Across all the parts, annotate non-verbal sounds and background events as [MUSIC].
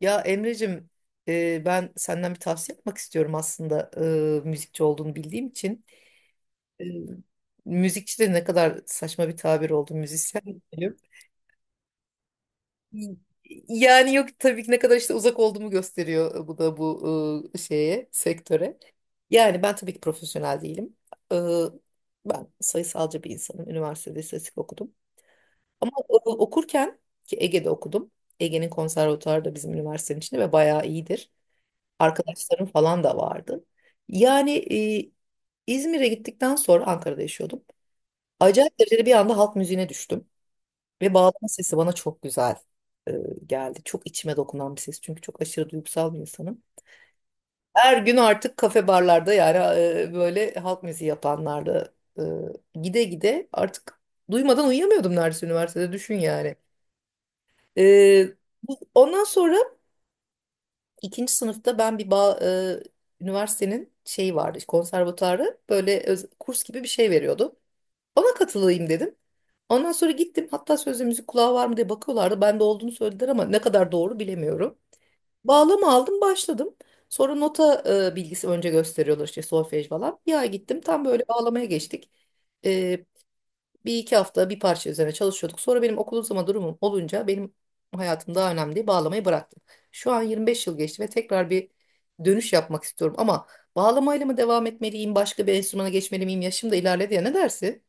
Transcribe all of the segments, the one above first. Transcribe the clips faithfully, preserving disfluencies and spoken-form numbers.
Ya Emre'cim, e, ben senden bir tavsiye yapmak istiyorum aslında, e, müzikçi olduğunu bildiğim için. E, Müzikçi de ne kadar saçma bir tabir oldu, müzisyen diyelim. Yani yok tabii ki, ne kadar işte uzak olduğumu gösteriyor bu da, bu e, şeye, sektöre. Yani ben tabii ki profesyonel değilim. E, Ben sayısalcı bir insanım. Üniversitede istatistik okudum. Ama e, okurken ki Ege'de okudum. Ege'nin konservatuarı da bizim üniversitenin içinde ve bayağı iyidir. Arkadaşlarım falan da vardı. Yani e, İzmir'e gittikten sonra Ankara'da yaşıyordum. Acayip derecede bir anda halk müziğine düştüm. Ve bağlama sesi bana çok güzel e, geldi. Çok içime dokunan bir ses. Çünkü çok aşırı duygusal bir insanım. Her gün artık kafe barlarda, yani e, böyle halk müziği yapanlarda e, gide gide artık duymadan uyuyamıyordum neredeyse üniversitede, düşün yani. E, bu- Ondan sonra İkinci sınıfta ben bir ba e, üniversitenin şeyi vardı, konservatuarı böyle öz- kurs gibi bir şey veriyordu. Ona katılayım dedim. Ondan sonra gittim. Hatta sözde müzik kulağı var mı diye bakıyorlardı. Ben de olduğunu söylediler ama ne kadar doğru bilemiyorum. Bağlama aldım, başladım. Sonra nota e, bilgisi önce gösteriyorlar, işte solfej falan. Bir ay gittim. Tam böyle bağlamaya geçtik. Bir iki hafta bir parça üzerine çalışıyorduk. Sonra benim okul uzama durumum olunca benim hayatım daha önemli diye bağlamayı bıraktım. Şu an yirmi beş yıl geçti ve tekrar bir dönüş yapmak istiyorum. Ama bağlamayla mı devam etmeliyim, başka bir enstrümana geçmeli miyim, yaşım da ilerledi ya, ne dersin?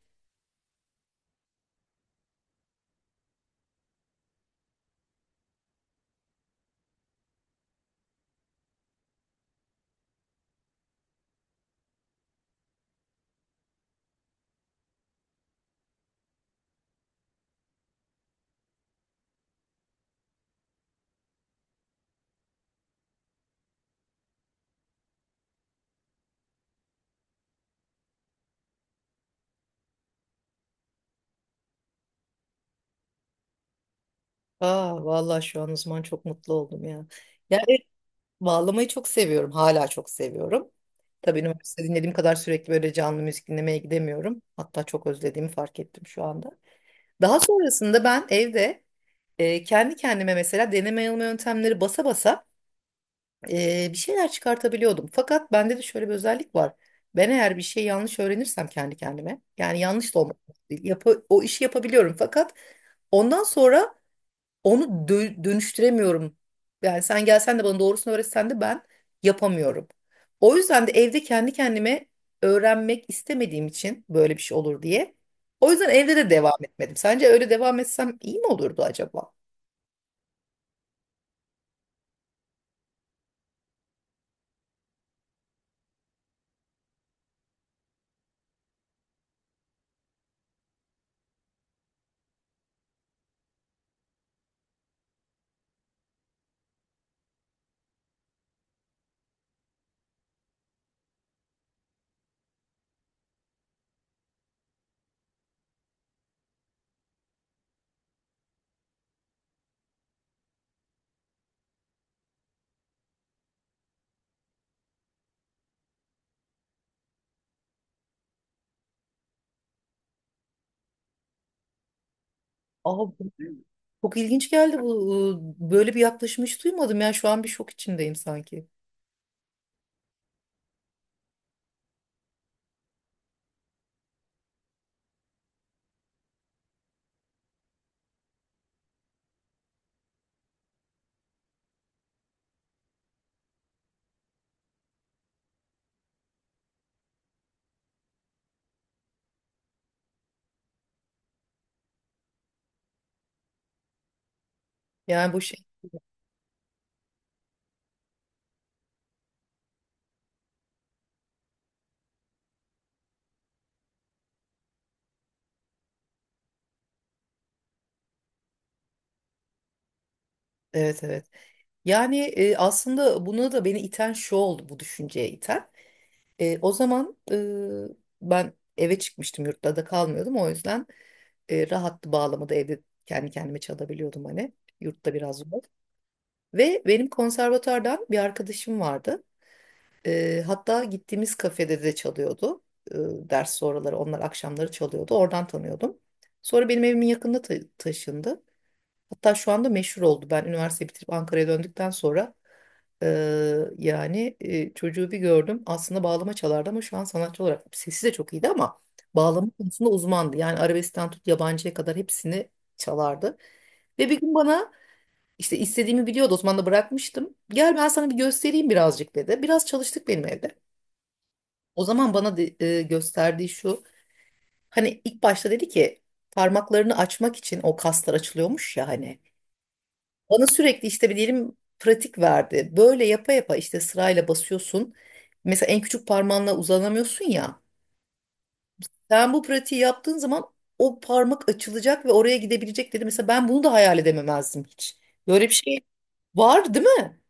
Aa, vallahi şu an o zaman çok mutlu oldum ya. Yani evet, bağlamayı çok seviyorum, hala çok seviyorum. Tabii üniversite dinlediğim kadar sürekli böyle canlı müzik dinlemeye gidemiyorum. Hatta çok özlediğimi fark ettim şu anda. Daha sonrasında ben evde e, kendi kendime mesela deneme yanılma yöntemleri basa basa e, bir şeyler çıkartabiliyordum. Fakat bende de şöyle bir özellik var. Ben eğer bir şey yanlış öğrenirsem kendi kendime, yani yanlış da olmak değil, yapı, o işi yapabiliyorum. Fakat ondan sonra onu dö- dönüştüremiyorum. Yani sen gelsen de bana doğrusunu öğretsen de ben yapamıyorum. O yüzden de evde kendi kendime öğrenmek istemediğim için, böyle bir şey olur diye. O yüzden evde de devam etmedim. Sence öyle devam etsem iyi mi olurdu acaba? Aa, bu- Çok ilginç geldi bu. Böyle bir yaklaşım hiç duymadım. Yani şu an bir şok içindeyim sanki. Yani bu şey. Evet, evet. Yani e, aslında buna da beni iten şu oldu, bu düşünceye iten. E, o zaman e, ben eve çıkmıştım, yurtta da kalmıyordum, o yüzden e, rahattı, bağlamada evde kendi kendime çalabiliyordum, hani yurtta biraz zor. Ve benim konservatuardan bir arkadaşım vardı. E, hatta gittiğimiz kafede de çalıyordu. E, Ders sonraları onlar akşamları çalıyordu, oradan tanıyordum. Sonra benim evimin yakınına ta- taşındı. Hatta şu anda meşhur oldu. Ben üniversite bitirip Ankara'ya döndükten sonra, eee, yani eee, çocuğu bir gördüm. Aslında bağlama çalardı ama şu an sanatçı olarak sesi de çok iyiydi ama bağlama konusunda uzmandı. Yani arabeskten tut yabancıya kadar hepsini çalardı. Ve bir gün bana, işte istediğimi biliyordu, o zaman da bırakmıştım, gel ben sana bir göstereyim birazcık dedi. Biraz çalıştık benim evde. O zaman bana de- eee, gösterdiği şu, hani ilk başta dedi ki parmaklarını açmak için o kaslar açılıyormuş ya hani. Bana sürekli işte bir diyelim pratik verdi. Böyle yapa yapa işte sırayla basıyorsun. Mesela en küçük parmağınla uzanamıyorsun ya. Sen bu pratiği yaptığın zaman o parmak açılacak ve oraya gidebilecek dedi. Mesela ben bunu da hayal edememezdim hiç. Böyle bir şey var değil mi?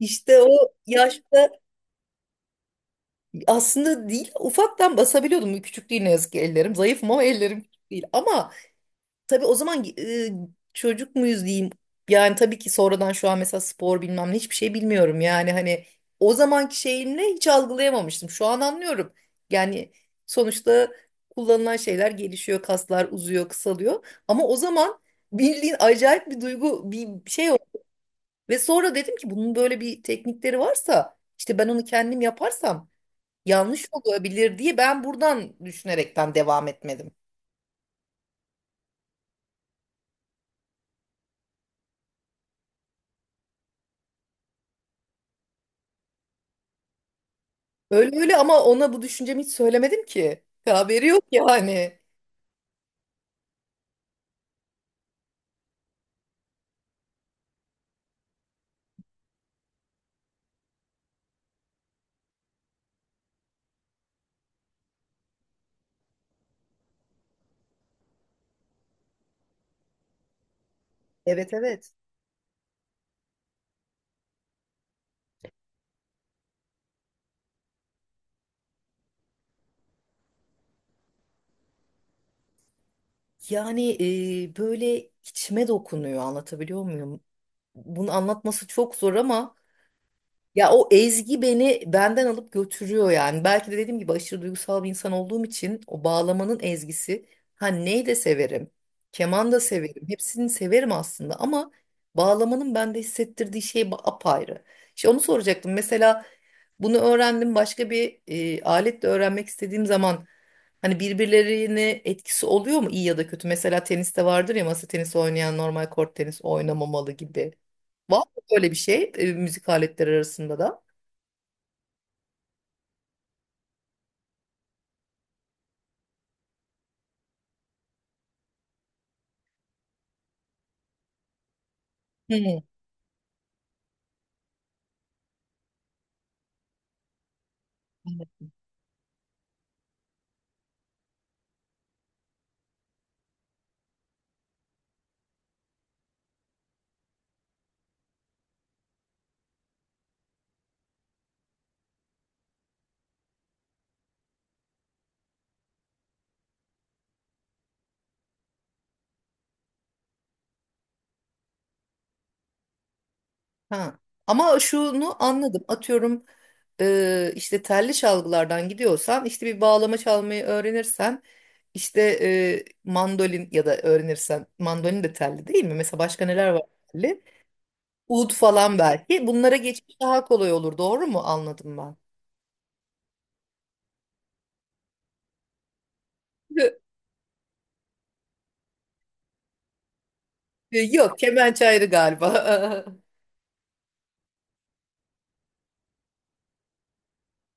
İşte o yaşta aslında değil ufaktan basabiliyordum. Küçük değil ne yazık ki ellerim. Zayıfım ama ellerim küçük değil. Ama tabii o zaman e, çocuk muyuz diyeyim. Yani tabii ki sonradan, şu an mesela spor bilmem ne hiçbir şey bilmiyorum. Yani hani o zamanki şeyimle hiç algılayamamıştım. Şu an anlıyorum. Yani sonuçta kullanılan şeyler gelişiyor, kaslar uzuyor, kısalıyor. Ama o zaman bildiğin acayip bir duygu, bir şey oldu. Ve sonra dedim ki bunun böyle bir teknikleri varsa işte ben onu kendim yaparsam yanlış olabilir diye, ben buradan düşünerekten devam etmedim. Öyle öyle, ama ona bu düşüncemi hiç söylemedim ki. Haberi yok yani. Evet, evet. Yani e, böyle içime dokunuyor, anlatabiliyor muyum? Bunu anlatması çok zor ama ya, o ezgi beni benden alıp götürüyor yani. Belki de dediğim gibi aşırı duygusal bir insan olduğum için o bağlamanın ezgisi. Ha, ney de severim. Keman da severim. Hepsini severim aslında ama bağlamanın bende hissettirdiği şey ba- apayrı. İşte onu soracaktım. Mesela bunu öğrendim, başka bir e, aletle öğrenmek istediğim zaman hani birbirlerine etkisi oluyor mu iyi ya da kötü? Mesela teniste vardır ya, masa tenisi oynayan normal kort tenisi oynamamalı gibi. Var öyle bir şey e, müzik aletleri arasında da. Hı, evet. Ha. Ama şunu anladım. Atıyorum, e, işte telli çalgılardan gidiyorsan işte bir bağlama çalmayı öğrenirsen işte e, mandolin ya da öğrenirsen, mandolin de telli değil mi? Mesela başka neler var telli? Ud falan belki. Bunlara geçiş daha kolay olur. Doğru mu anladım ben? [LAUGHS] E, Yok, kemençe ayrı galiba.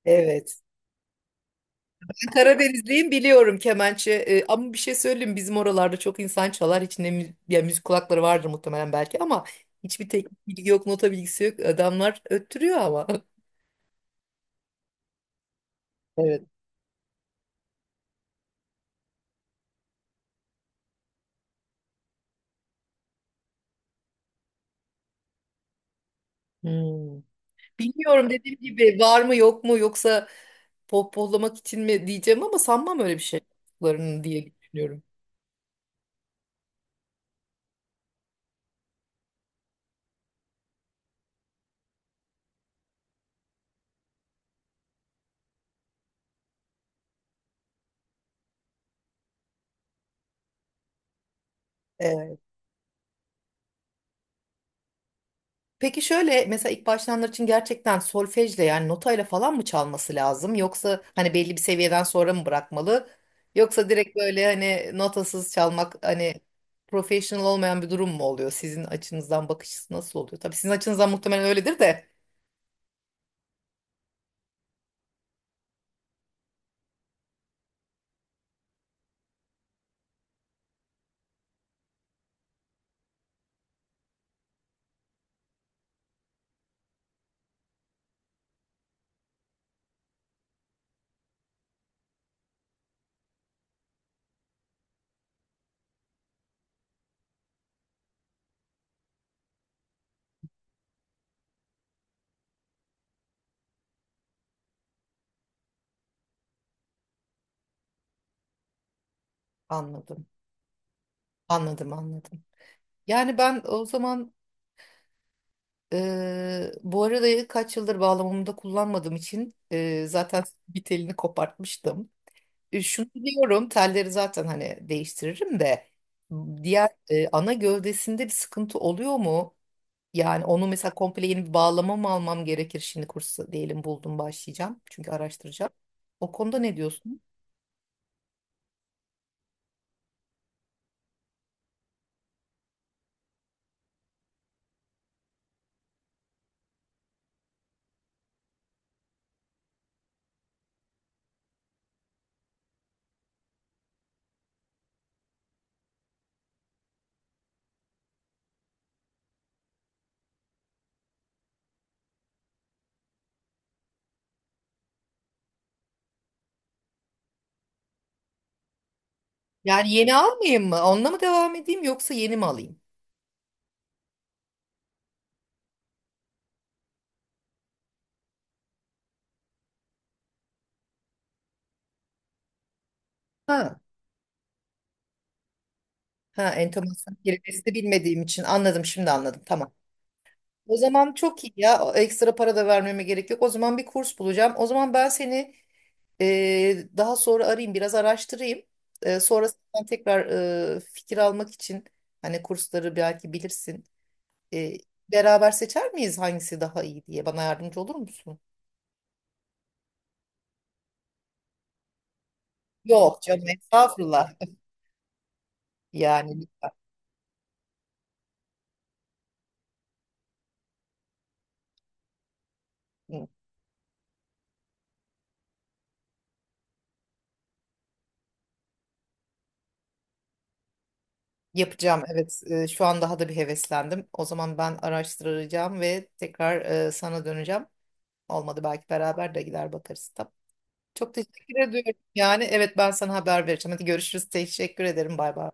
[LAUGHS] Evet. Karadenizliyim, biliyorum kemençe. E, ama bir şey söyleyeyim, bizim oralarda çok insan çalar, hiç ne mü- ya, müzik kulakları vardır muhtemelen belki ama hiçbir teknik bilgi yok, nota bilgisi yok, adamlar öttürüyor ama. [LAUGHS] Evet. Hmm. Bilmiyorum, dediğim gibi var mı yok mu, yoksa pohpohlamak için mi diyeceğim ama sanmam öyle bir şey yaptıklarını diye düşünüyorum. Peki şöyle mesela ilk başlayanlar için gerçekten solfejle, yani notayla falan mı çalması lazım? Yoksa hani belli bir seviyeden sonra mı bırakmalı? Yoksa direkt böyle hani notasız çalmak hani professional olmayan bir durum mu oluyor? Sizin açınızdan bakış açısı nasıl oluyor? Tabii sizin açınızdan muhtemelen öyledir de. Anladım. Anladım, anladım. Yani ben o zaman, eee bu arada kaç yıldır bağlamamda kullanmadığım için, eee, zaten bir telini kopartmıştım. E, Şunu biliyorum, telleri zaten hani değiştiririm de, diğer e, ana gövdesinde bir sıkıntı oluyor mu? Yani onu mesela komple yeni bir bağlama mı almam gerekir şimdi, kursu diyelim buldum başlayacağım çünkü, araştıracağım. O konuda ne diyorsun? Yani yeni almayayım mı? Onunla mı devam edeyim, yoksa yeni mi alayım? Ha, ha, entomasyon kelimesini bilmediğim için anladım, şimdi anladım, tamam. O zaman çok iyi ya. O ekstra para da vermeme gerek yok. O zaman bir kurs bulacağım. O zaman ben seni Ee, daha sonra arayayım, biraz araştırayım. Ee, sonra sen tekrar e, fikir almak için hani kursları belki bilirsin. Ee, Beraber seçer miyiz hangisi daha iyi diye? Bana yardımcı olur musun? Yok canım, estağfurullah. Yani yapacağım. Evet, e, şu an daha da bir heveslendim. O zaman ben araştıracağım ve tekrar e, sana döneceğim. Olmadı belki beraber de gider bakarız. Tamam. Çok teşekkür ediyorum. Yani evet, ben sana haber vereceğim. Hadi görüşürüz. Teşekkür ederim. Bay bay.